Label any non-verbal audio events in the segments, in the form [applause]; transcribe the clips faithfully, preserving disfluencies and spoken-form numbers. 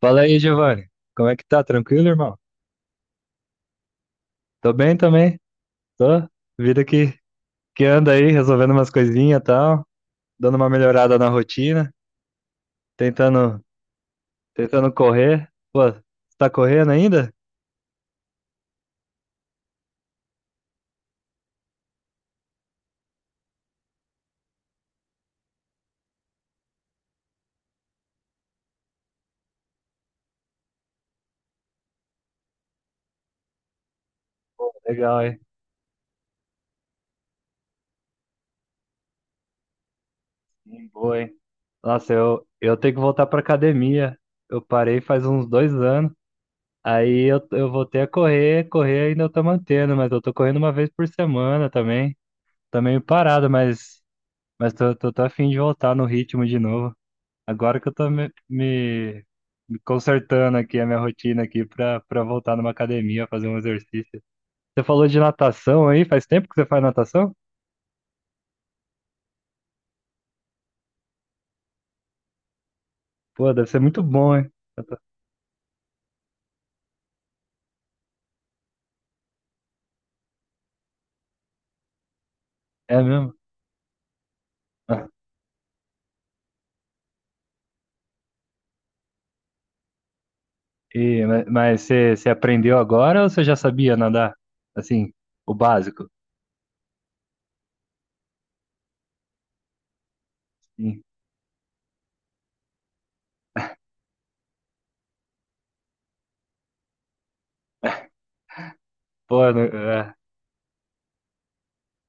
Fala aí, Giovanni. Como é que tá? Tranquilo, irmão? Tô bem também. Tô. Vida que, que anda aí, resolvendo umas coisinhas e tal, dando uma melhorada na rotina, tentando, tentando correr. Pô, você tá correndo ainda? Legal, hein? Sim, boa, hein? Nossa, eu, eu tenho que voltar pra academia. Eu parei faz uns dois anos. Aí eu, eu voltei a correr, correr ainda eu tô mantendo, mas eu tô correndo uma vez por semana também. Tá meio parado, mas, mas tô, tô, tô a fim de voltar no ritmo de novo. Agora que eu tô me, me, me consertando aqui a minha rotina aqui pra, pra voltar numa academia, fazer um exercício. Você falou de natação aí, faz tempo que você faz natação? Pô, deve ser muito bom, hein? Nata- É mesmo? Ah, e ma- mas você, você aprendeu agora ou você já sabia nadar? Assim, o básico? Sim. Pô, eu não, é,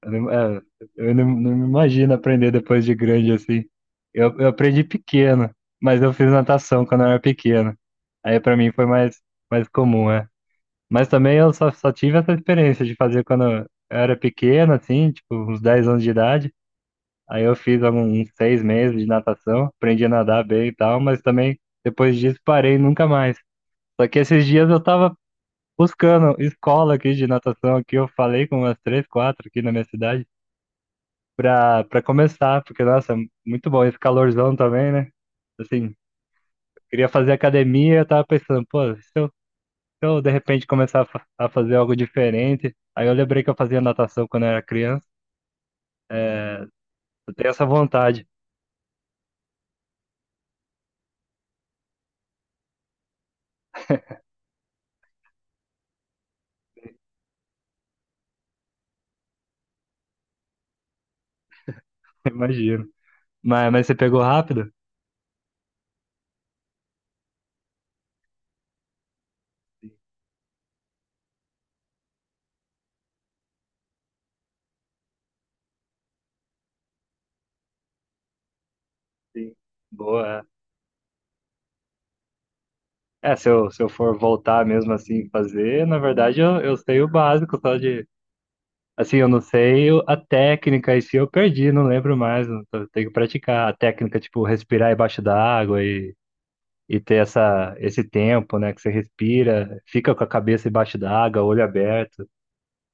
eu não, é, eu não, não me imagino aprender depois de grande assim. Eu, eu aprendi pequeno, mas eu fiz natação quando eu era pequeno. Aí pra mim foi mais, mais comum, é. Mas também eu só, só tive essa experiência de fazer quando eu era pequeno, assim, tipo, uns dez anos de idade. Aí eu fiz algum- uns seis meses de natação, aprendi a nadar bem e tal, mas também depois disso parei nunca mais. Só que esses dias eu tava buscando escola aqui de natação, aqui eu falei com umas três, quatro aqui na minha cidade, pra, pra começar, porque, nossa, muito bom esse calorzão também, né? Assim, queria fazer academia, eu tava pensando, pô, se eu eu de repente começar a fa- a fazer algo diferente. Aí eu lembrei que eu fazia natação quando eu era criança. Eu tenho essa vontade, [laughs] imagino. Mas, mas você pegou rápido? Sim. Boa. É, É, se eu, se eu for voltar mesmo assim fazer, na verdade eu, eu sei o básico, só de. Assim, eu não sei o- a técnica, e se eu perdi, não lembro mais. não- Eu tô- tenho que praticar a técnica, tipo, respirar embaixo da água e, e ter essa, esse tempo, né, que você respira, fica com a cabeça embaixo da água, olho aberto.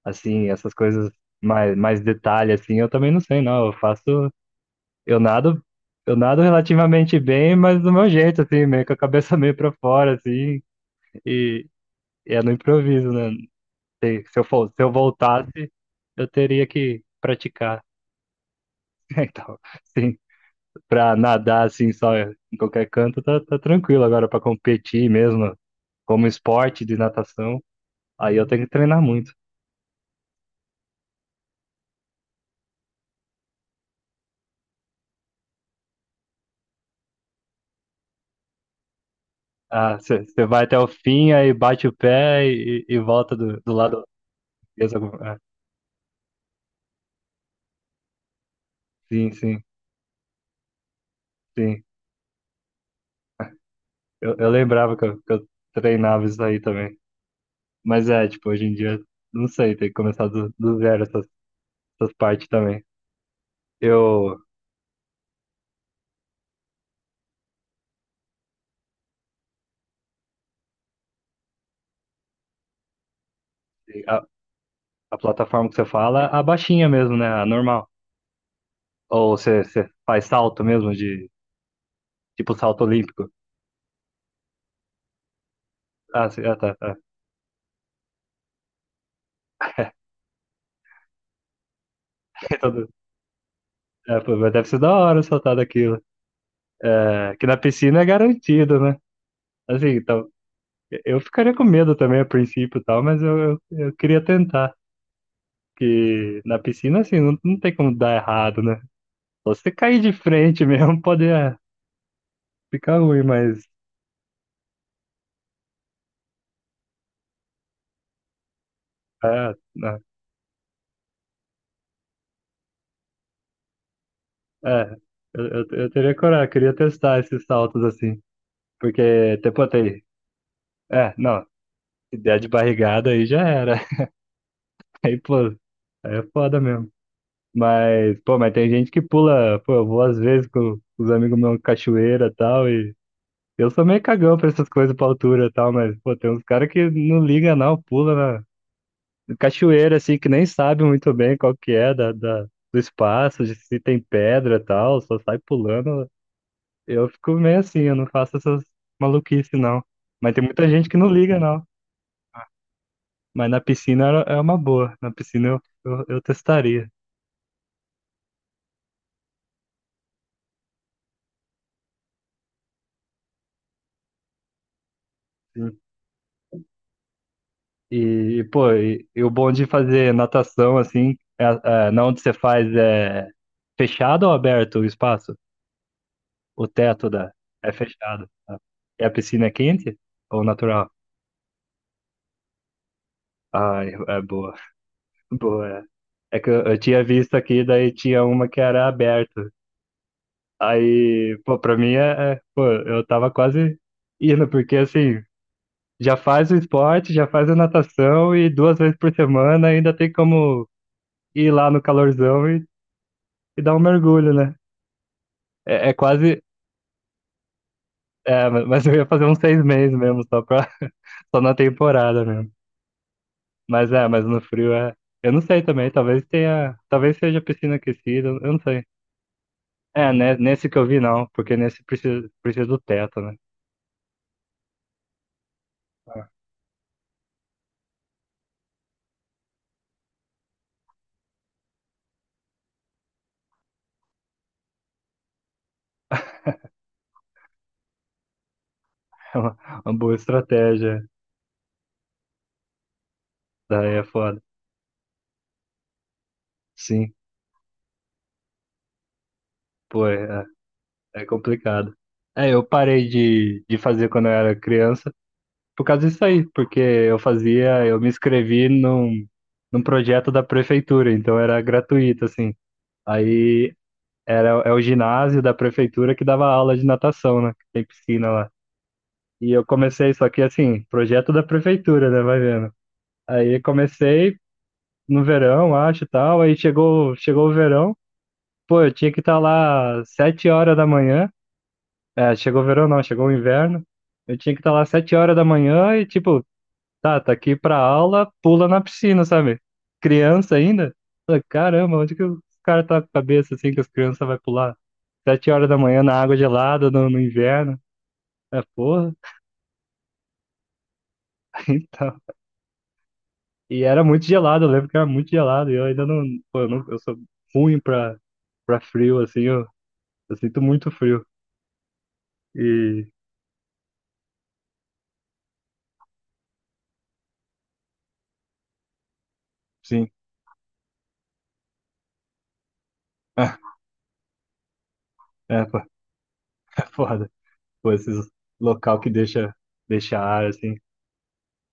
Assim, essas coisas mais, mais detalhe, assim, eu também não sei, não. Eu faço, eu nado, eu nado relativamente bem, mas do meu jeito, assim, meio com a cabeça [laughs] meio pra fora, assim, e, e é no improviso, né? Se, se eu for, se eu voltasse, eu teria que praticar. [laughs] Então, sim, pra nadar, assim, só em qualquer canto, tá, tá tranquilo. Agora, pra competir mesmo, como esporte de natação, aí eu tenho que treinar muito. Ah, você vai até o fim, aí bate o pé e, e volta do, do lado avesso. Ah, sim, sim, sim. Eu, eu lembrava que eu, que eu treinava isso aí também. Mas é, tipo, hoje em dia, não sei, tem que começar do, do zero essas, essas partes também. Eu, a, a plataforma que você fala, a baixinha mesmo, né? A normal. Ou você, você faz salto mesmo, de tipo salto olímpico. Ah, sim, ah, tá, tá. [laughs] Então, é, pô, mas deve ser da hora saltar daquilo. É, que na piscina é garantido, né? Assim, então, eu ficaria com medo também a princípio e tal, mas eu, eu, eu queria tentar. Porque na piscina, assim, não, não tem como dar errado, né? Só se você cair de frente [laughs] mesmo, pode é, ficar ruim, mas. É, não, é, eu, eu, eu teria coragem, eu queria testar esses saltos assim. Porque, tipo, até pô, é, não, se der de barrigada aí já era. [laughs] Aí, pô, aí é foda mesmo. Mas, pô, mas tem gente que pula, pô, eu vou às vezes com os amigos meus cachoeira e tal, e eu sou meio cagão pra essas coisas pra altura e tal, mas, pô, tem uns caras que não liga não, pula na cachoeira, assim, que nem sabe muito bem qual que é da, da- do espaço, de se tem pedra e tal, só sai pulando. Eu fico meio assim, eu não faço essas maluquices, não. Mas tem muita gente que não liga, não. Mas na piscina era- é uma boa, na piscina eu, eu, eu testaria. Sim. E, pô, e, e o bom de fazer natação, assim, é, é, na onde você faz, é fechado ou aberto o espaço? O teto da é fechado, tá? E a piscina é quente ou natural? Ah, é boa. [laughs] Boa. É É que eu, eu tinha visto aqui, daí tinha uma que era aberta. Aí, pô, pra mim é, é- pô, eu tava quase indo, porque assim, já faz o esporte, já faz a natação e duas vezes por semana ainda tem como ir lá no calorzão e, e dar um mergulho, né? É, é quase, é, mas eu ia fazer uns seis meses mesmo, só pra, [laughs] só na temporada mesmo. Mas é, mas no frio é. Eu não sei também, talvez tenha. Talvez seja piscina aquecida, eu não sei. É, né, nesse que eu vi não, porque nesse precisa, precisa do teto, né? [laughs] É uma, uma boa estratégia. Daí é foda. Sim, pô, é, é complicado. É, eu parei de, de fazer quando eu era criança por causa disso aí, porque eu fazia, eu me inscrevi num, num projeto da prefeitura, então era gratuito, assim. Aí era, é o ginásio da prefeitura que dava aula de natação, né? Que tem piscina lá. E eu comecei, só que assim, projeto da prefeitura, né? Vai vendo. Aí comecei no verão, acho e tal. Aí chegou, chegou o verão. Pô, eu tinha que estar lá sete horas da manhã. É, chegou o verão não, chegou o inverno. Eu tinha que estar lá sete horas da manhã e tipo, tá, tá aqui pra aula, pula na piscina, sabe? Criança ainda. Falei, caramba, onde que os caras tá com a cabeça assim que as crianças vai pular? Sete horas da manhã na água gelada, no, no inverno. É, porra, [laughs] então. E era muito gelado, eu lembro que era muito gelado. E eu ainda não. Pô, eu, não, eu sou ruim pra, pra, frio, assim, eu, eu sinto muito frio. E sim, [laughs] ah, é, pô, é foda. Pô, esses local que deixa, deixa ar, assim.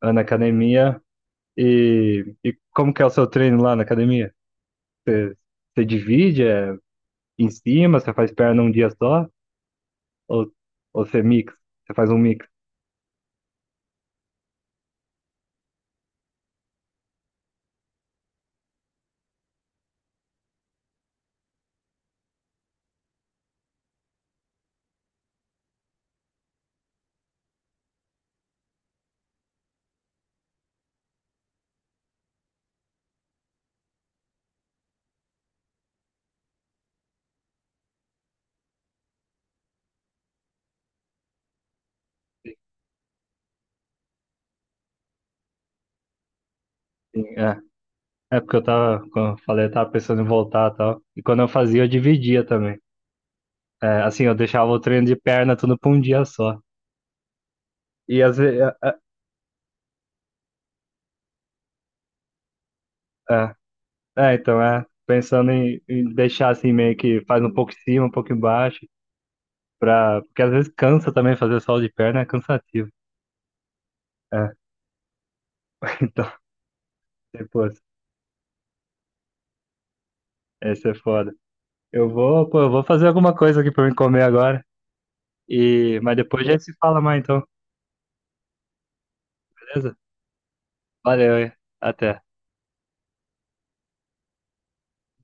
Ah, na academia. E, e como que é o seu treino lá na academia? Você, você divide é, em cima, você faz perna um dia só? Ou, ou você mix? Você faz um mix? Sim, é. É porque eu tava, como eu falei, eu tava pensando em voltar e tal. E quando eu fazia, eu dividia também. É, assim, eu deixava o treino de perna tudo pra um dia só. E às vezes. É, é, é, então, é. Pensando em, em deixar assim, meio que faz um pouco em cima, um pouco embaixo. Pra... Porque às vezes cansa também fazer solo de perna, é cansativo. É, [laughs] então, depois. Esse é foda. Eu vou, pô, eu vou fazer alguma coisa aqui pra me comer agora. E... Mas depois a gente se fala mais, então, beleza? Valeu, hein? Até.